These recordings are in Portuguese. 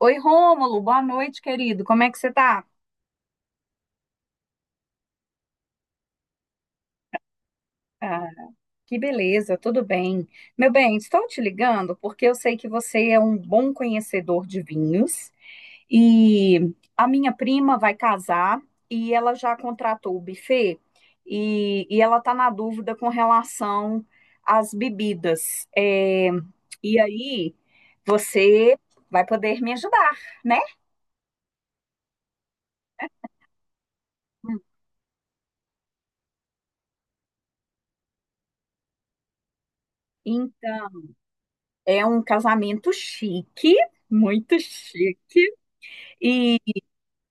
Oi, Rômulo, boa noite, querido. Como é que você tá? Ah, que beleza, tudo bem. Meu bem, estou te ligando porque eu sei que você é um bom conhecedor de vinhos e a minha prima vai casar e ela já contratou o buffet e ela está na dúvida com relação às bebidas. E aí, você vai poder me ajudar, né? Então, é um casamento chique, muito chique. E,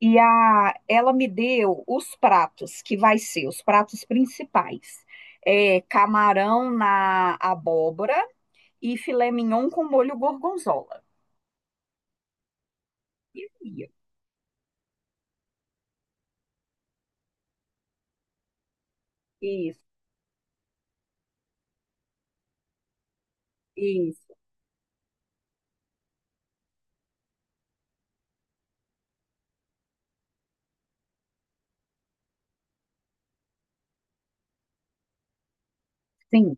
ela me deu os pratos que vai ser, os pratos principais. É, camarão na abóbora e filé mignon com molho gorgonzola. Isso, isso, isso, sim.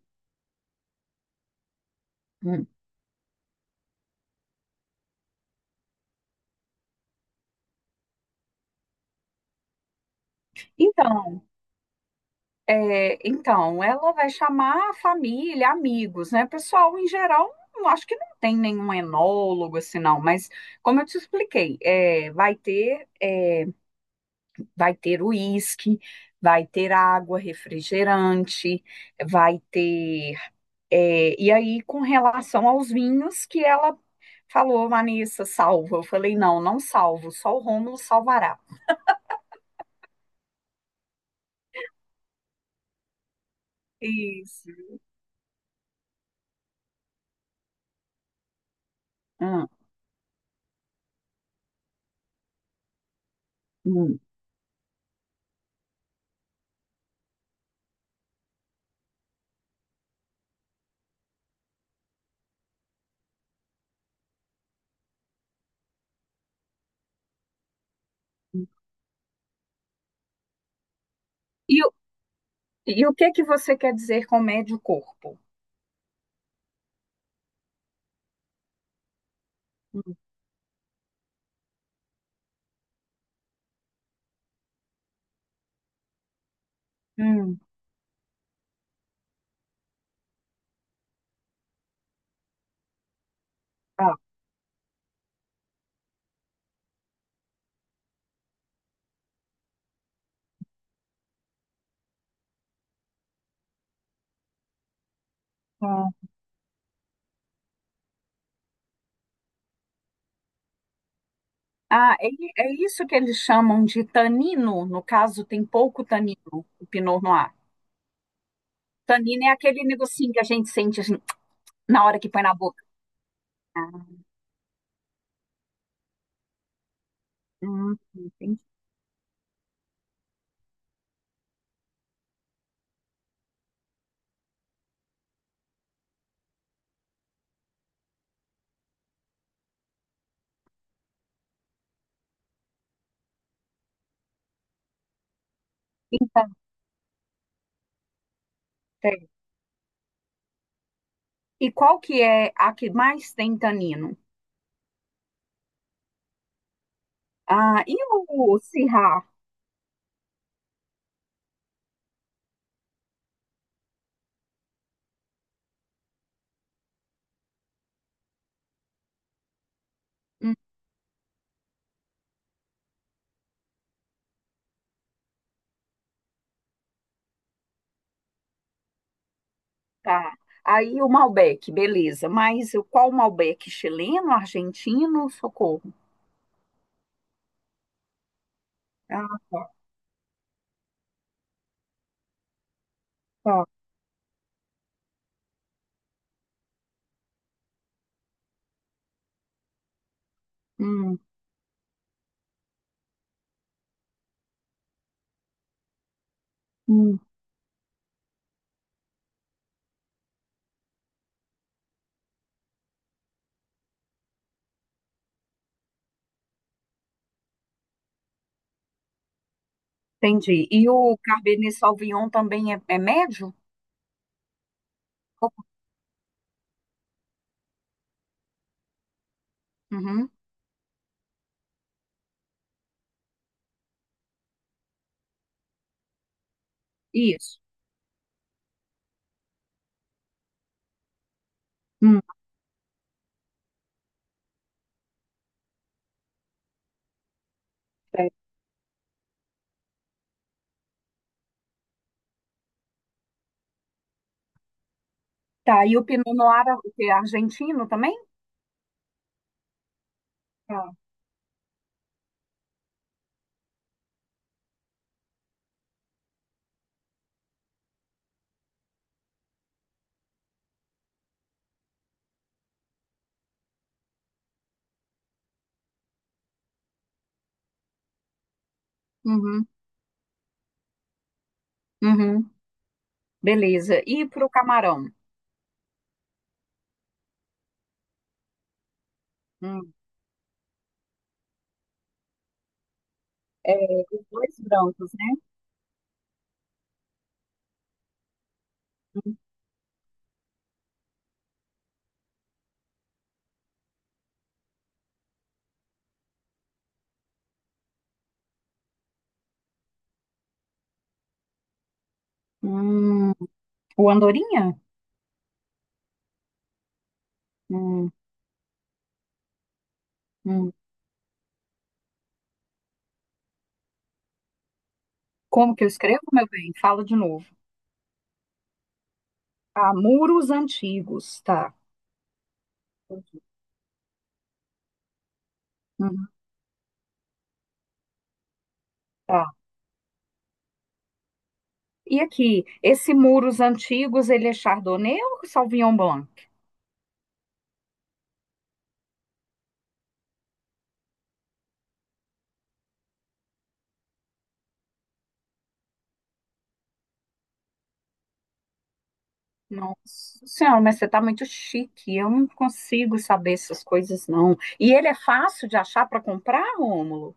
Hum. Então, então, ela vai chamar a família, amigos, né? Pessoal, em geral, não, acho que não tem nenhum enólogo assim, não, mas como eu te expliquei, Vai ter uísque, vai ter água, refrigerante, vai ter. E aí, com relação aos vinhos, que ela falou, Vanessa, salva. Eu falei, não, não salvo, só o Rômulo salvará. Isso. Hum, hum. E, o- e o que que você quer dizer com médio corpo? Hum. Ah, tá. É isso que eles chamam de tanino. No caso, tem pouco tanino, o Pinot Noir. Tanino é aquele negocinho que a gente sente na hora que põe na boca. Ah, entendi. Então, tem. E qual que é a que mais tem tanino? Ah, e o Syrah? Hum, tá. Aí o Malbec, beleza. Mas o- qual Malbec? Chileno, argentino? Socorro. Ah, tá, tá. Hum, hum, entendi. E o Cabernet Sauvignon também é médio? Uhum, isso. Hum, é. Tá, e o Pinot Noir é o quê? Argentino também? Tá. Uhum, uhum, beleza. E para o camarão? Hum. É, os dois brancos, né? Hum, hum. O Andorinha? Hum, hum. Como que eu escrevo, meu bem? Fala de novo. Ah, muros antigos, tá. Uhum, tá. E aqui, esse muros antigos, ele é Chardonnay ou Sauvignon Blanc? Nossa senhora, mas você tá muito chique. Eu não consigo saber essas coisas, não. E ele é fácil de achar para comprar, Rômulo?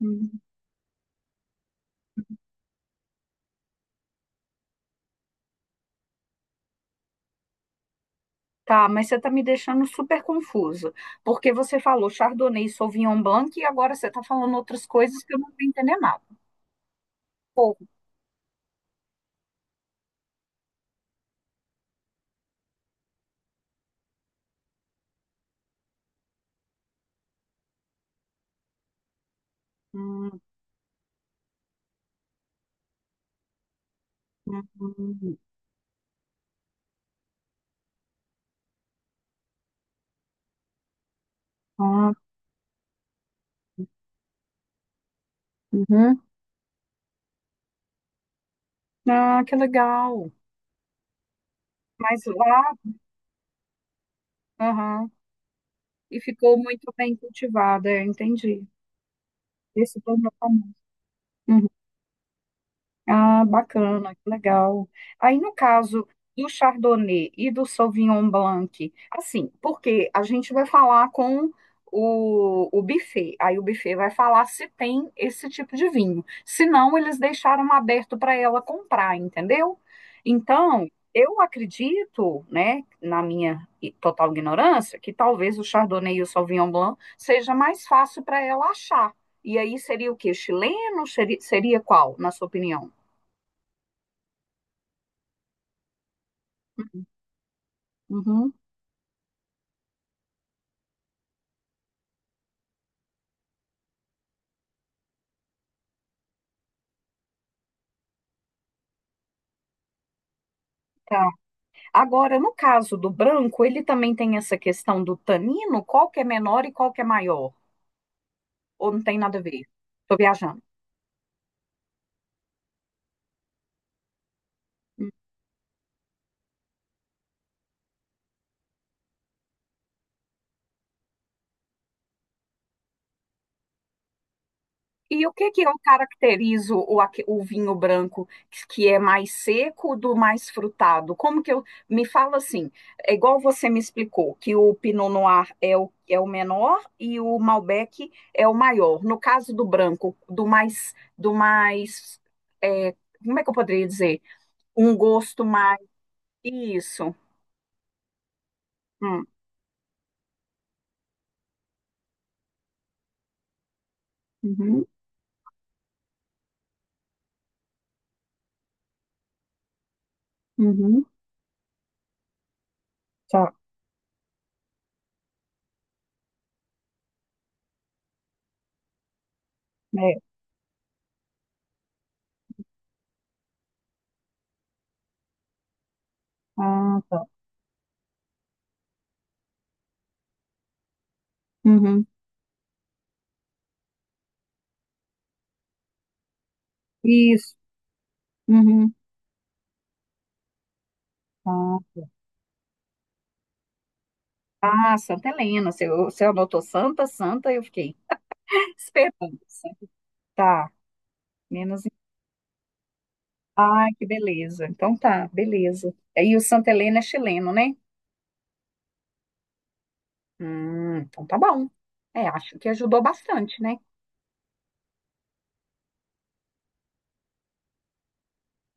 Uhum. Tá, mas você tá me deixando super confusa, porque você falou Chardonnay, Sauvignon Blanc e agora você tá falando outras coisas que eu não tô entendendo nada. Pô, hum, hum, hum, ah, uhum. Ah, que legal. Mas lá, aham, e ficou muito bem cultivada, eu entendi. Esse tornou famoso. Ah, bacana, que legal. Aí, no caso do Chardonnay e do Sauvignon Blanc, assim, porque a gente vai falar com o buffet, aí o buffet vai falar se tem esse tipo de vinho. Se não, eles deixaram aberto para ela comprar, entendeu? Então, eu acredito, né, na minha i- total ignorância, que talvez o Chardonnay e o Sauvignon Blanc seja mais fácil para ela achar. E aí seria o quê? Chileno? Seria seria qual, na sua opinião? Uhum. Tá. Agora, no caso do branco, ele também tem essa questão do tanino, qual que é menor e qual que é maior? Ou não tem nada a ver? Estou viajando. Hum. E o que que eu caracterizo o, aque- o vinho branco que é mais seco do mais frutado? Como que eu me fala assim? É igual você me explicou que o Pinot Noir é o, é o menor e o Malbec é o maior. No caso do branco, do mais é, como é que eu poderia dizer? Um gosto mais isso. Hum. Uhum, uhum, tá. É. Ah, tá. Uhum. Isso. Uhum. Ah, tá. Ah, Santa Helena. Você, você anotou Santa, Santa, eu fiquei esperando. Tá. Menos. Ai, que beleza. Então tá, beleza. Aí o Santa Helena é chileno, né? Então tá bom. É, acho que ajudou bastante, né?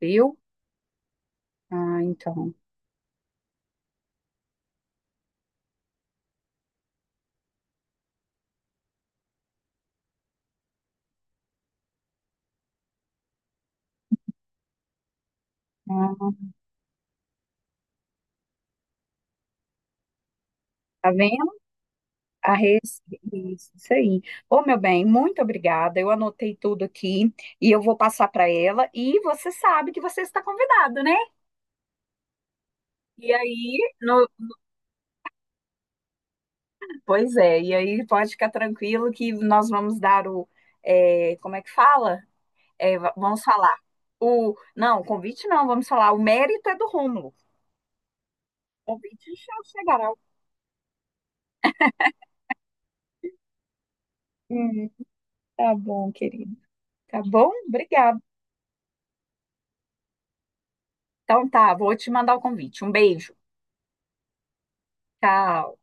Viu? Ah, então. Ah, tá vendo? A res... Isso aí. Ô, meu bem, muito obrigada. Eu anotei tudo aqui e eu vou passar para ela. E você sabe que você está convidado, né? E aí, no... pois é, e aí pode ficar tranquilo que nós vamos dar o. Como é que fala? Vamos falar. O... Não, convite não, vamos falar. O mérito é do Rômulo. O convite já chegará. Hum, tá bom, querido. Tá bom? Obrigada. Então tá, vou te mandar o convite. Um beijo. Tchau.